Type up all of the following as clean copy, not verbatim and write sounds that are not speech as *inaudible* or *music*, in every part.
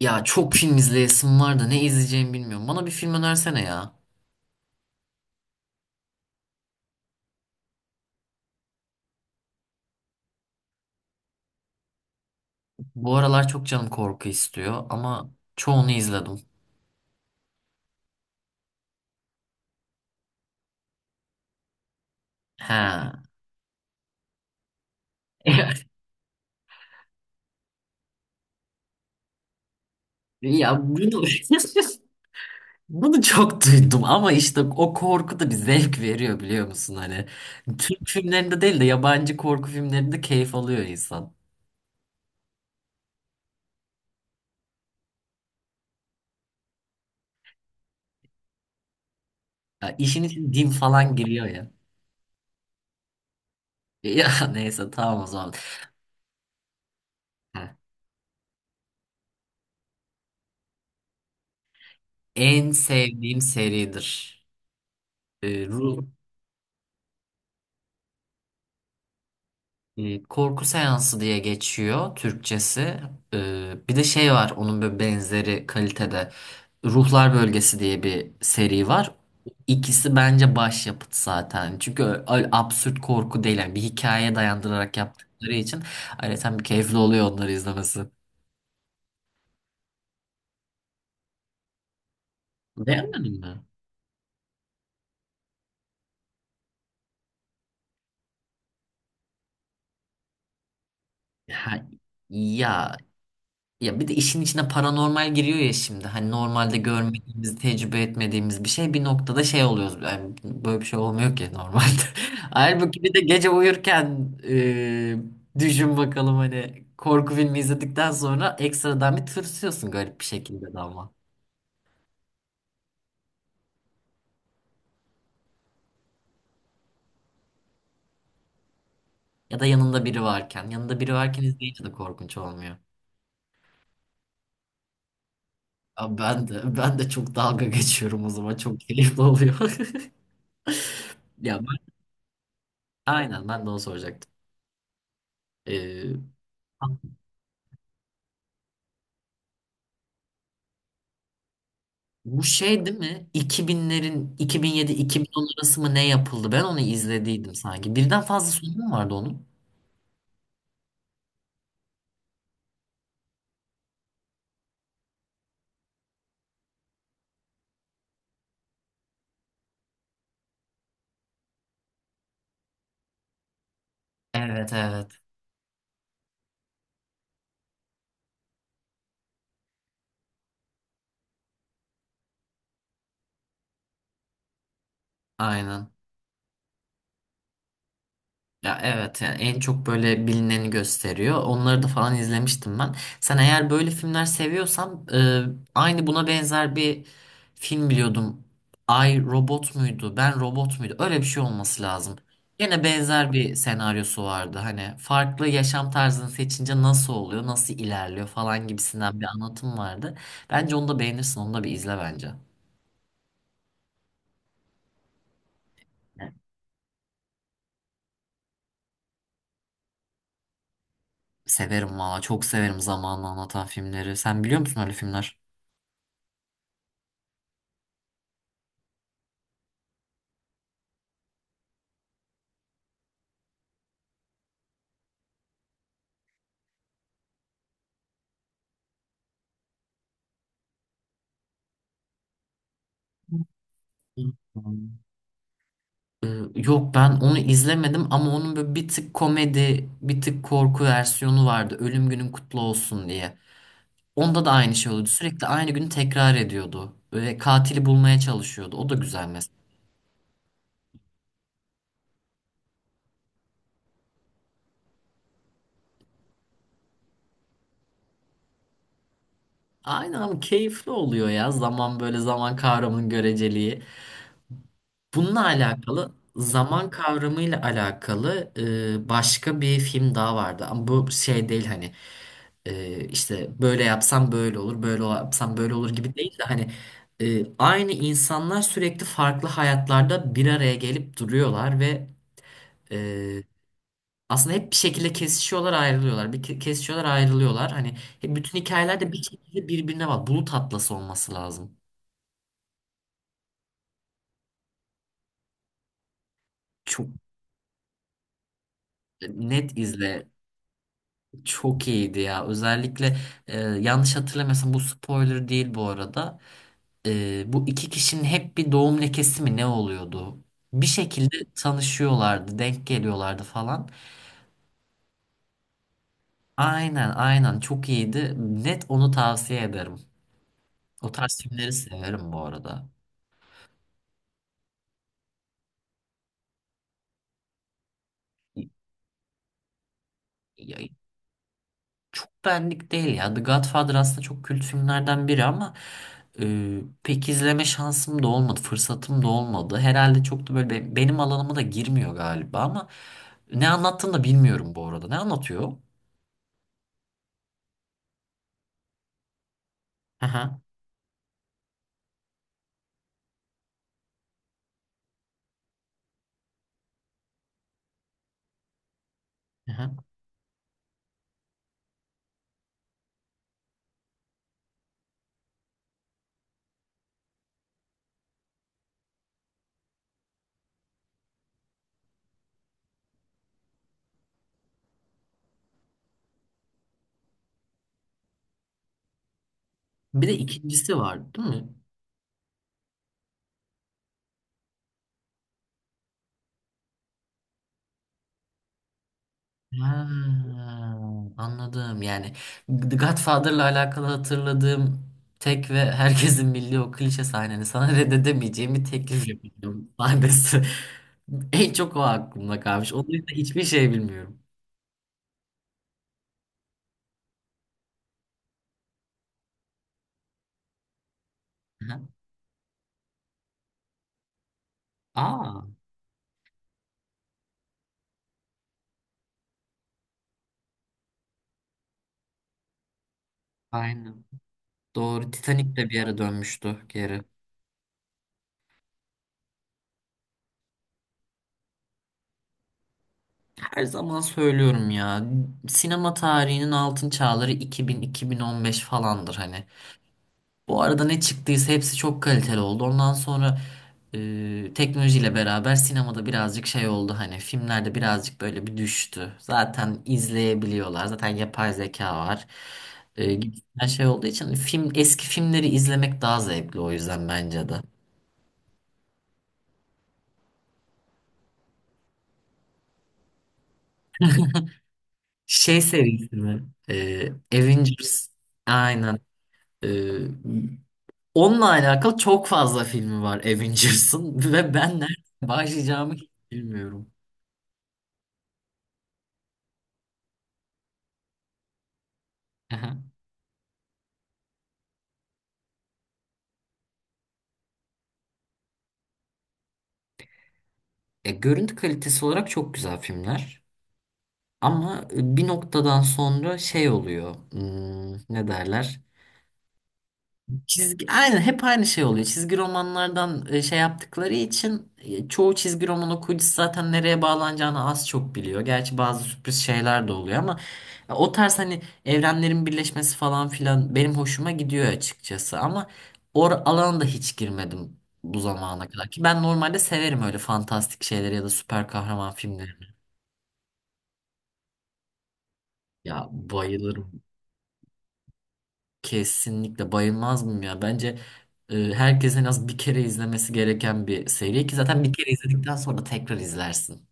Ya çok film izleyesim var da ne izleyeceğimi bilmiyorum. Bana bir film önersene ya. Bu aralar çok canım korku istiyor ama çoğunu izledim. He. *laughs* Ya bunu *laughs* bunu çok duydum ama işte o korku da bir zevk veriyor biliyor musun hani. Türk filmlerinde değil de yabancı korku filmlerinde keyif alıyor insan. Ya işin için din falan giriyor ya. Ya *laughs* neyse tamam o zaman. He. En sevdiğim seridir. Ee, Ru- Korku seansı diye geçiyor Türkçesi. Bir de şey var onun böyle benzeri kalitede. Ruhlar Bölgesi diye bir seri var. İkisi bence başyapıt zaten. Çünkü öyle absürt korku değil. Yani bir hikayeye dayandırarak yaptıkları için ayrıca bir keyifli oluyor onları izlemesi. Beğenmedin mi? Ha, ya Ya bir de işin içine paranormal giriyor ya şimdi. Hani normalde, evet, görmediğimiz, tecrübe etmediğimiz bir şey bir noktada şey oluyoruz. Yani böyle bir şey olmuyor ki normalde. *laughs* Halbuki bir de gece uyurken, düşün bakalım, hani korku filmi izledikten sonra ekstradan bir tırsıyorsun garip bir şekilde de ama. Ya da yanında biri varken. Yanında biri varken izleyince de korkunç olmuyor. Abi ben de çok dalga geçiyorum o zaman. Çok keyifli oluyor. *laughs* Ya ben, aynen ben de onu soracaktım. E, Bu şey değil mi? 2000'lerin 2007-2010 arası mı ne yapıldı? Ben onu izlediydim sanki. Birden fazla sonu mu vardı onun? Evet, evet. Aynen. Ya evet, yani en çok böyle bilineni gösteriyor. Onları da falan izlemiştim ben. Sen eğer böyle filmler seviyorsan, aynı buna benzer bir film biliyordum. Ay robot muydu? Ben robot muydu? Öyle bir şey olması lazım. Yine benzer bir senaryosu vardı. Hani farklı yaşam tarzını seçince nasıl oluyor, nasıl ilerliyor falan gibisinden bir anlatım vardı. Bence onu da beğenirsin, onu da bir izle bence. Severim valla, çok severim zamanla anlatan filmleri. Sen biliyor musun öyle filmler? Hı. Ee, Yok, ben onu izlemedim ama onun böyle bir tık komedi, bir tık korku versiyonu vardı. Ölüm günün kutlu olsun diye. Onda da aynı şey oluyordu. Sürekli aynı günü tekrar ediyordu. Ve katili bulmaya çalışıyordu. O da güzel mesela. Aynen ama keyifli oluyor ya. Zaman, böyle zaman kavramının göreceliği. Bununla alakalı, zaman kavramıyla alakalı başka bir film daha vardı. Ama bu şey değil hani, işte böyle yapsam böyle olur, böyle yapsam böyle olur gibi değil de hani aynı insanlar sürekli farklı hayatlarda bir araya gelip duruyorlar ve e, aslında hep bir şekilde kesişiyorlar, ayrılıyorlar. Kesişiyorlar, ayrılıyorlar. Hani hep bütün hikayeler de bir şekilde birbirine var. Bulut Atlası olması lazım. Çok net izle. Çok iyiydi ya. Özellikle, yanlış hatırlamıyorsam bu spoiler değil bu arada. Bu iki kişinin hep bir doğum lekesi mi ne oluyordu? Bir şekilde tanışıyorlardı, denk geliyorlardı falan. Aynen, aynen, çok iyiydi. Net onu tavsiye ederim. O tarz filmleri severim bu arada. Çok benlik değil ya. The Godfather aslında çok kült filmlerden biri ama e, pek izleme şansım da olmadı, fırsatım da olmadı. Herhalde çok da böyle benim alanıma da girmiyor galiba ama ne anlattığını da bilmiyorum bu arada. Ne anlatıyor? Aha, aha. Bir de ikincisi var, değil mi? Ha, anladım. Yani The Godfather'la alakalı hatırladığım tek ve herkesin bildiği o klişe sahnenin, sana *laughs* reddedemeyeceğim bir teklif yapıyorum sahnesi. *laughs* En çok o aklımda kalmış. Onun dışında hiçbir şey bilmiyorum. Aha. Aa, aynen. Doğru. Titanic de bir ara dönmüştü geri. Her zaman söylüyorum ya. Sinema tarihinin altın çağları 2000-2015 falandır hani. Bu arada ne çıktıysa hepsi çok kaliteli oldu. Ondan sonra, teknolojiyle beraber sinemada birazcık şey oldu hani, filmlerde birazcık böyle bir düştü. Zaten izleyebiliyorlar. Zaten yapay zeka var. Gibisinden şey olduğu için film, eski filmleri izlemek daha zevkli o yüzden bence de. Şey serisi mi? Avengers. Aynen. E, Onunla alakalı çok fazla filmi var Avengers'ın *laughs* ve ben nereden başlayacağımı hiç bilmiyorum. *laughs* Görüntü kalitesi olarak çok güzel filmler. Ama bir noktadan sonra şey oluyor. Ne derler? Aynen hep aynı şey oluyor. Çizgi romanlardan şey yaptıkları için, çoğu çizgi roman okuyucusu zaten nereye bağlanacağını az çok biliyor. Gerçi bazı sürpriz şeyler de oluyor ama o tarz hani evrenlerin birleşmesi falan filan benim hoşuma gidiyor açıkçası. Ama o alana da hiç girmedim bu zamana kadar ki ben normalde severim öyle fantastik şeyleri ya da süper kahraman filmleri. Ya bayılırım. Kesinlikle bayılmaz mıyım ya? Bence herkesin en az bir kere izlemesi gereken bir seri ki zaten bir kere izledikten sonra tekrar izlersin.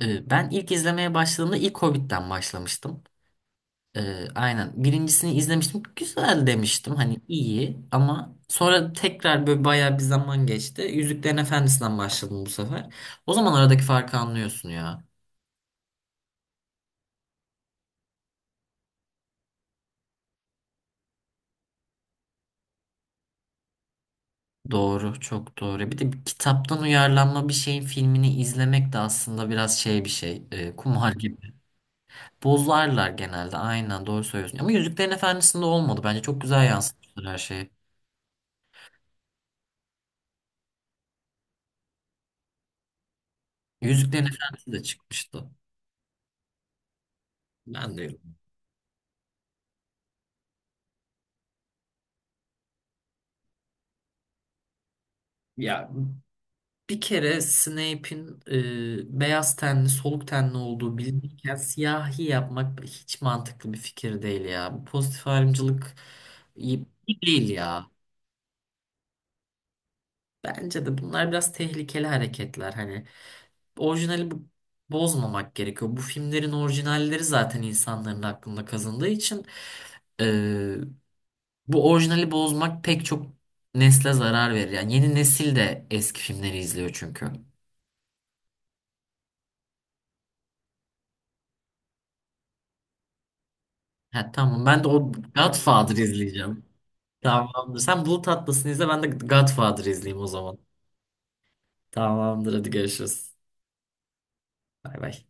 Ben ilk izlemeye başladığımda ilk Hobbit'ten başlamıştım. Aynen. Birincisini izlemiştim. Güzel demiştim. Hani iyi, ama sonra tekrar böyle bayağı bir zaman geçti. Yüzüklerin Efendisi'nden başladım bu sefer. O zaman aradaki farkı anlıyorsun ya. Doğru, çok doğru. Bir de bir kitaptan uyarlanma bir şeyin filmini izlemek de aslında biraz şey bir şey. Kumar gibi. Bozlarlar genelde. Aynen, doğru söylüyorsun. Ama Yüzüklerin Efendisi'nde olmadı. Bence çok güzel yansıtmışlar her şeyi. Yüzüklerin Efendisi de çıkmıştı. Ben de, ya bir kere Snape'in beyaz tenli, soluk tenli olduğu bilinirken siyahi yapmak hiç mantıklı bir fikir değil ya. Bu pozitif ayrımcılık iyi, iyi değil ya. Bence de bunlar biraz tehlikeli hareketler hani. Orijinali bozmamak gerekiyor. Bu filmlerin orijinalleri zaten insanların aklında kazındığı için e, bu orijinali bozmak pek çok nesle zarar verir. Yani yeni nesil de eski filmleri izliyor çünkü. Ha, tamam, ben de o Godfather izleyeceğim. Tamamdır. Sen Bulut Atlas'ını izle, ben de Godfather izleyeyim o zaman. Tamamdır, hadi görüşürüz. Bay bay.